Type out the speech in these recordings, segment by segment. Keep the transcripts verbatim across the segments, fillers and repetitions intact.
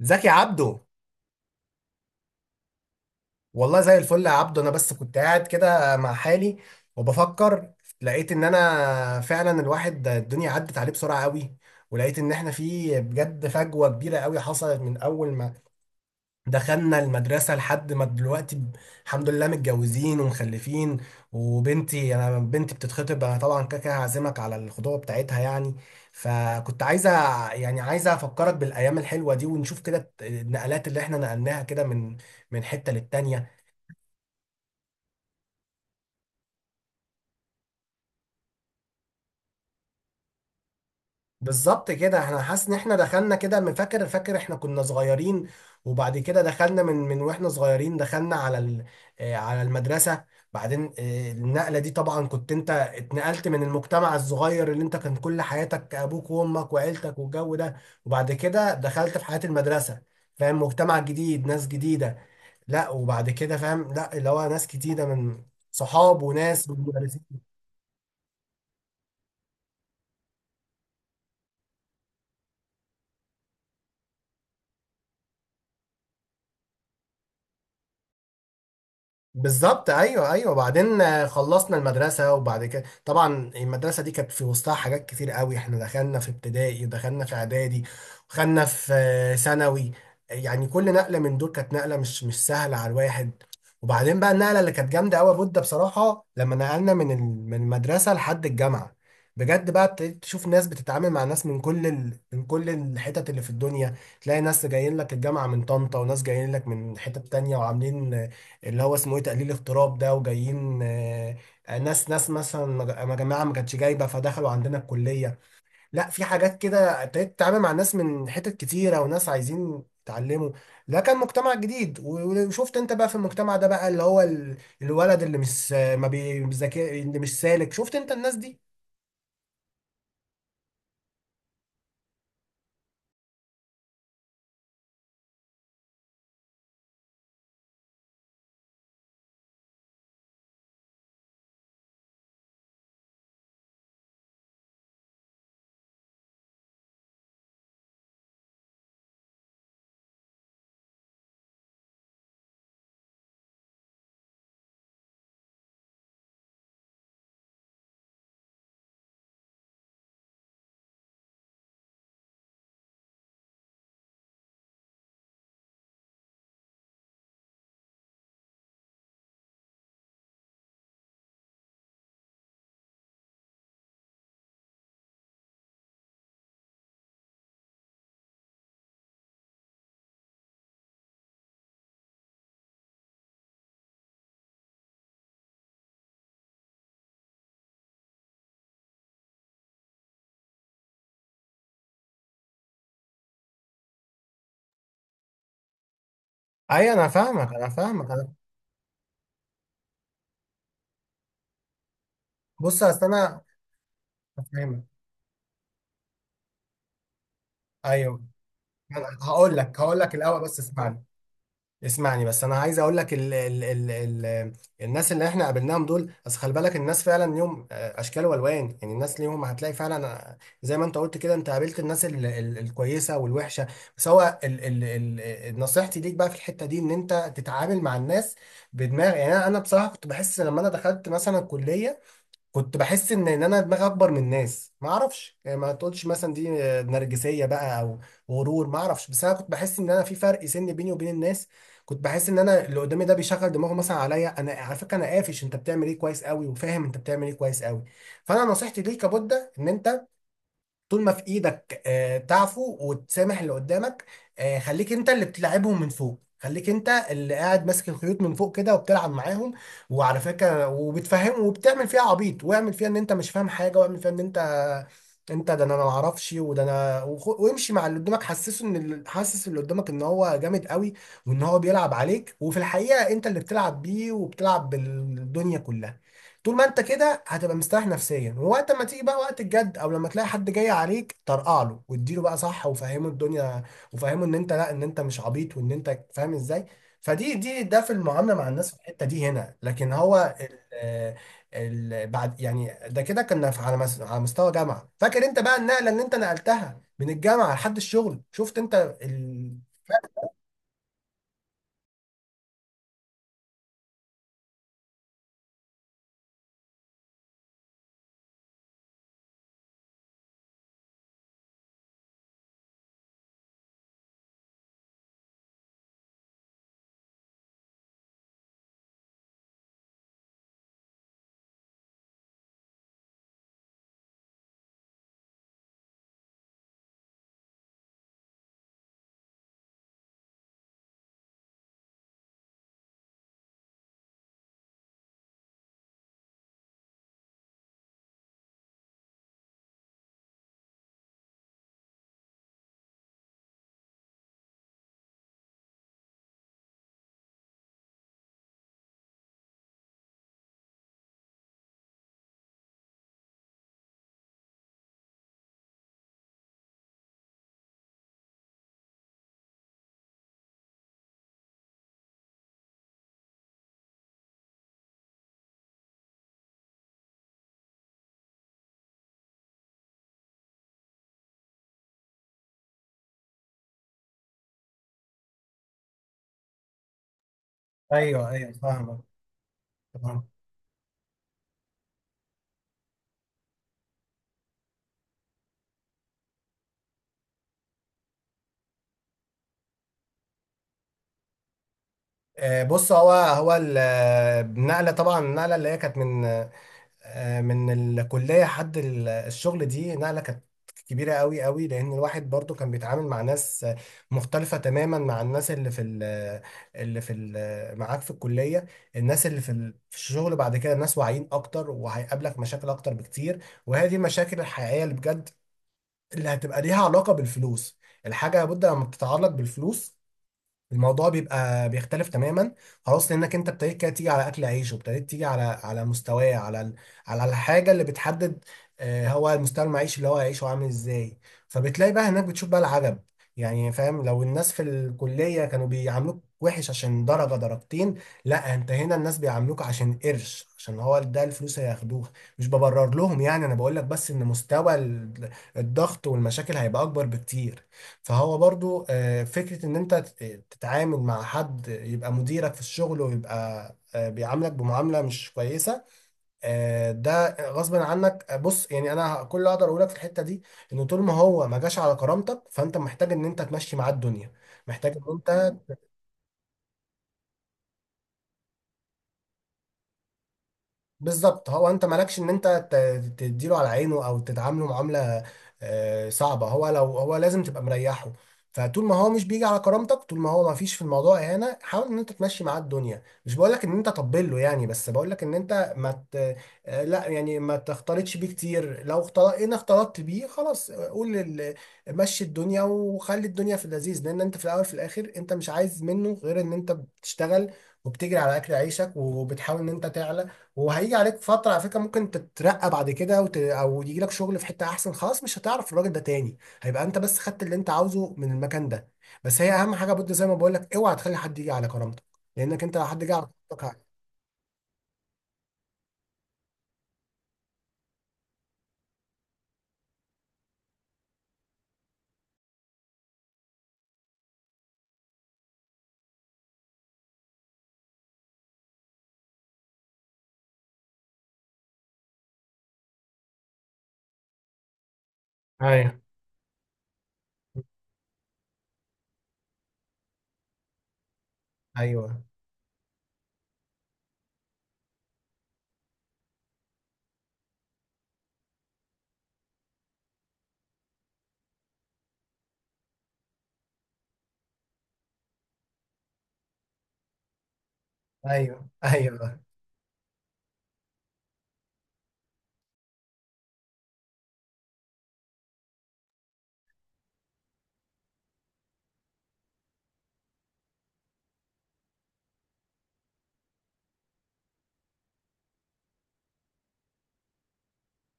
زكي عبده. والله زي الفل يا عبده، انا بس كنت قاعد كده مع حالي وبفكر. لقيت ان انا فعلا الواحد الدنيا عدت عليه بسرعه قوي، ولقيت ان احنا في بجد فجوه كبيره قوي حصلت من اول ما دخلنا المدرسة لحد ما دلوقتي ب- الحمد لله متجوزين ومخلفين، وبنتي أنا بنتي بتتخطب. أنا طبعا كده كده هعزمك على الخطوبة بتاعتها يعني، فكنت عايزة يعني عايزة أفكرك بالأيام الحلوة دي ونشوف كده الت- النقلات اللي إحنا نقلناها كده من من حتة للتانية. بالظبط كده. احنا حاسس ان احنا دخلنا كده من فاكر فاكر احنا كنا صغيرين، وبعد كده دخلنا من من واحنا صغيرين دخلنا على ال... آه، على المدرسة. بعدين آه، النقلة دي طبعا كنت انت اتنقلت من المجتمع الصغير اللي انت كان كل حياتك ابوك وامك وعيلتك والجو ده، وبعد كده دخلت في حياة المدرسة، فاهم؟ مجتمع جديد، ناس جديدة. لا، وبعد كده فاهم؟ لا، اللي هو ناس جديدة من صحاب وناس ومدرسين. بالظبط، ايوه ايوه. بعدين آه، خلصنا المدرسه، وبعد كده طبعا المدرسه دي كانت في وسطها حاجات كتير قوي. احنا دخلنا في ابتدائي، ودخلنا في اعدادي، ودخلنا في آه، ثانوي. يعني كل نقله من دول كانت نقله مش مش سهله على الواحد. وبعدين بقى النقله اللي كانت جامده قوي بود بصراحه لما نقلنا من ال- من المدرسه لحد الجامعه. بجد بقى ابتديت تشوف ناس بتتعامل مع ناس من كل ال... من كل الحتت اللي في الدنيا. تلاقي ناس جايين لك الجامعه من طنطا، وناس جايين لك من حتت تانية وعاملين اللي هو اسمه ايه تقليل اضطراب ده، وجايين آه، آه، ناس ناس مثلا مج- جماعه ما كانتش جايبه فدخلوا عندنا الكليه. لا، في حاجات كده ابتديت تتعامل مع ناس من حتت كتيره وناس عايزين يتعلموا. ده كان مجتمع جديد، و- وشفت انت بقى في المجتمع ده بقى اللي هو ال- الولد اللي مش ما بيذاكر، اللي مش سالك. شفت انت الناس دي؟ ايوه، انا فاهمك انا فاهمك انا. بص اصل انا هفهمك. ايوه أنا هقول لك هقول لك الاول بس اسمعني، اسمعني بس. انا عايز اقول لك ال ال ال ال الناس اللي احنا قابلناهم دول، بس خلي بالك الناس فعلا ليهم آه، اشكال والوان. يعني الناس ليهم هتلاقي فعلا آه، زي ما انت قلت كده، انت قابلت الناس ال ال الكويسه والوحشه. بس هو ال ال ال نصيحتي ليك بقى في الحته دي ان انت تتعامل مع الناس بدماغ. يعني انا أنا بصراحه كنت بحس لما انا دخلت مثلا الكليه، كنت بحس ان ان انا دماغي اكبر من الناس، ما اعرفش. يعني ما تقولش مثلا دي نرجسيه بقى او غرور، ما اعرفش. بس انا كنت بحس ان انا في فرق سن بيني وبين الناس، كنت بحس ان انا اللي قدامي ده بيشغل دماغه مثلا عليا انا، على فكره انا قافش انت بتعمل ايه كويس قوي، وفاهم انت بتعمل ايه كويس قوي. فانا نصيحتي ليك يا بودة ان انت طول ما في ايدك آه، تعفو وتسامح اللي قدامك. آه، خليك انت اللي بتلعبهم من فوق، خليك انت اللي قاعد ماسك الخيوط من فوق كده وبتلعب معاهم. وعلى فكره، وبتفهم، وبتعمل فيها عبيط، واعمل فيها ان انت مش فاهم حاجه، واعمل فيها ان انت انت ده انا ما اعرفش وده انا، وخ- وامشي مع اللي قدامك. حسسه ان ال- حسس اللي قدامك ان هو جامد قوي وان هو بيلعب عليك، وفي الحقيقه انت اللي بتلعب بيه وبتلعب بالدنيا كلها. طول ما انت كده هتبقى مستريح نفسيا، ووقت ما تيجي بقى وقت الجد او لما تلاقي حد جاي عليك، طرقع له واديله بقى صح، وفهمه الدنيا، وفهمه ان انت لا، ان انت مش عبيط وان انت فاهم ازاي. فدي دي ده في المعامله مع الناس في الحته دي هنا. لكن هو ال ال بعد يعني ده، كده كنا في- على مس- على مستوى جامعه. فاكر انت بقى النقله اللي انت نقلتها من الجامعه لحد الشغل؟ شفت انت ال... ايوه ايوه، فاهمك. فاهمك. آه، بص، هو هو ال- آه، النقله، طبعا النقله اللي هي كانت من آه، من الكلية حد ال- الشغل، دي نقلة كانت كبيرة قوي قوي، لأن الواحد برضو كان بيتعامل مع ناس آه، مختلفة تماما مع الناس اللي في ال اللي في ال معاك في الكلية. الناس اللي في ال- في الشغل بعد كده ناس واعيين أكتر، وهيقابلك مشاكل أكتر بكتير، وهي دي المشاكل الحقيقية اللي بجد اللي هتبقى ليها علاقة بالفلوس. الحاجة لابد لما بتتعلق بالفلوس الموضوع بيبقى بيختلف تماما. خلاص، لانك انت ابتديت كده تيجي على اكل عيش، وابتديت تيجي على على مستواه، على ال- على الحاجه اللي بتحدد آه، هو المستوى المعيشي اللي هو هيعيشه عامل ازاي. فبتلاقي بقى هناك بتشوف بقى العجب. يعني فاهم، لو الناس في الكليه كانوا بيعاملوك وحش عشان درجه درجتين، لا انت هنا الناس بيعاملوك عشان قرش، عشان هو ده الفلوس اللي هياخدوها. مش ببرر لهم، يعني انا بقول لك بس ان مستوى ال- الضغط والمشاكل هيبقى اكبر بكتير. فهو برضو آه، فكرة ان انت تت- تتعامل مع حد يبقى مديرك في الشغل ويبقى آه، بيعاملك بمعاملة مش كويسة آه، ده غصبا عنك. آه، بص، يعني انا كل اللي اقدر اقولك في الحتة دي ان طول ما هو ما جاش على كرامتك فانت محتاج ان انت تمشي معاه الدنيا، محتاج ان انت بالظبط. هو انت مالكش ان انت ت- تديله على عينه او تتعامله معامله آه، صعبه، هو لو هو لازم تبقى مريحه. فطول ما هو مش بيجي على كرامتك، طول ما هو ما فيش في الموضوع اهانه، حاول ان انت تمشي معاه الدنيا. مش بقول لك ان انت طبل له يعني، بس بقول لك ان انت ما ت... آه، لا يعني ما تختلطش بيه كتير. لو اختلط ان اختلطت بيه خلاص آه، قول لل... مشي الدنيا وخلي الدنيا في اللذيذ، لان انت في الاول في الاخر انت مش عايز منه غير ان انت بتشتغل وبتجري على اكل عيشك، وبتحاول ان انت تعلى. وهيجي عليك فترة على فكرة ممكن تترقى بعد كده وت... او يجي لك شغل في حتة احسن، خلاص مش هتعرف الراجل ده تاني، هيبقى انت بس خدت اللي انت عاوزه من المكان ده. بس هي اهم حاجة بود زي ما بقول لك، اوعى تخلي حد يجي على كرامتك، لانك انت لو حد جه على كرامتك. ه- ايوه ايوه ايوه ايوه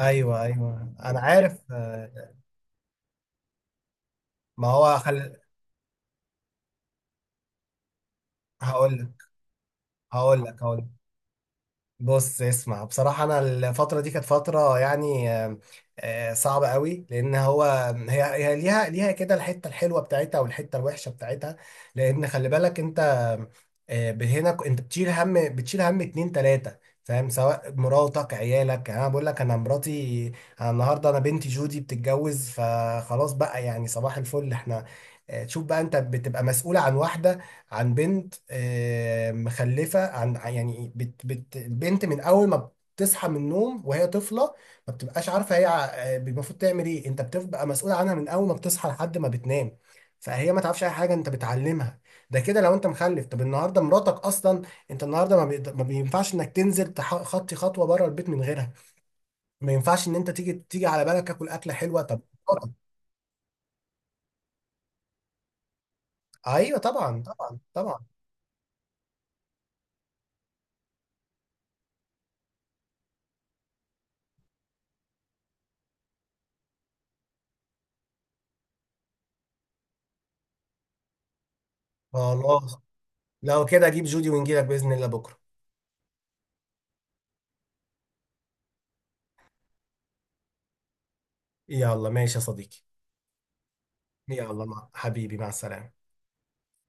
ايوه ايوه انا عارف. آه، ما هو خل... هقول لك هقول لك هقول لك. بص اسمع، بصراحة أنا الفترة دي كانت فترة يعني آم، آه، صعبة قوي، لأن هو هي هي ليها ليها كده الحتة الحلوة بتاعتها والحتة الوحشة بتاعتها. لأن خلي بالك أنت آه، هنا ك- أنت بتشيل هم، بتشيل هم اتنين تلاتة، فاهم؟ سواء مراتك، عيالك. يعني أنا بقول لك، أنا مراتي، أنا النهاردة أنا بنتي جودي بتتجوز، فخلاص بقى يعني صباح الفل إحنا. آه، تشوف بقى، أنت بتبقى مسؤول عن واحدة، عن بنت آه، مخلفة عن عن- يعني بت بت البنت من أول ما بتصحى من النوم وهي طفلة ما بتبقاش عارفة هي ع- آه، المفروض تعمل إيه. أنت بتبقى مسؤول عنها من أول ما بتصحى لحد ما بتنام، فهي ما تعرفش أي حاجة أنت بتعلمها. ده كده لو أنت مخلف. طب النهاردة مراتك أصلا، أنت النهاردة ما, بيقد- ما بينفعش إنك تنزل تح- خطي خطوة بره البيت من غيرها. ما ينفعش إن أنت تيجي تيجي على بالك تاكل أكلة حلوة. طب مراتك. أيوه، طبعا طبعا طبعا. خلاص، لو كده أجيب جودي ونجيلك بإذن الله بكرة. يلا ماشي يا صديقي. يلا مع حبيبي، مع السلامة.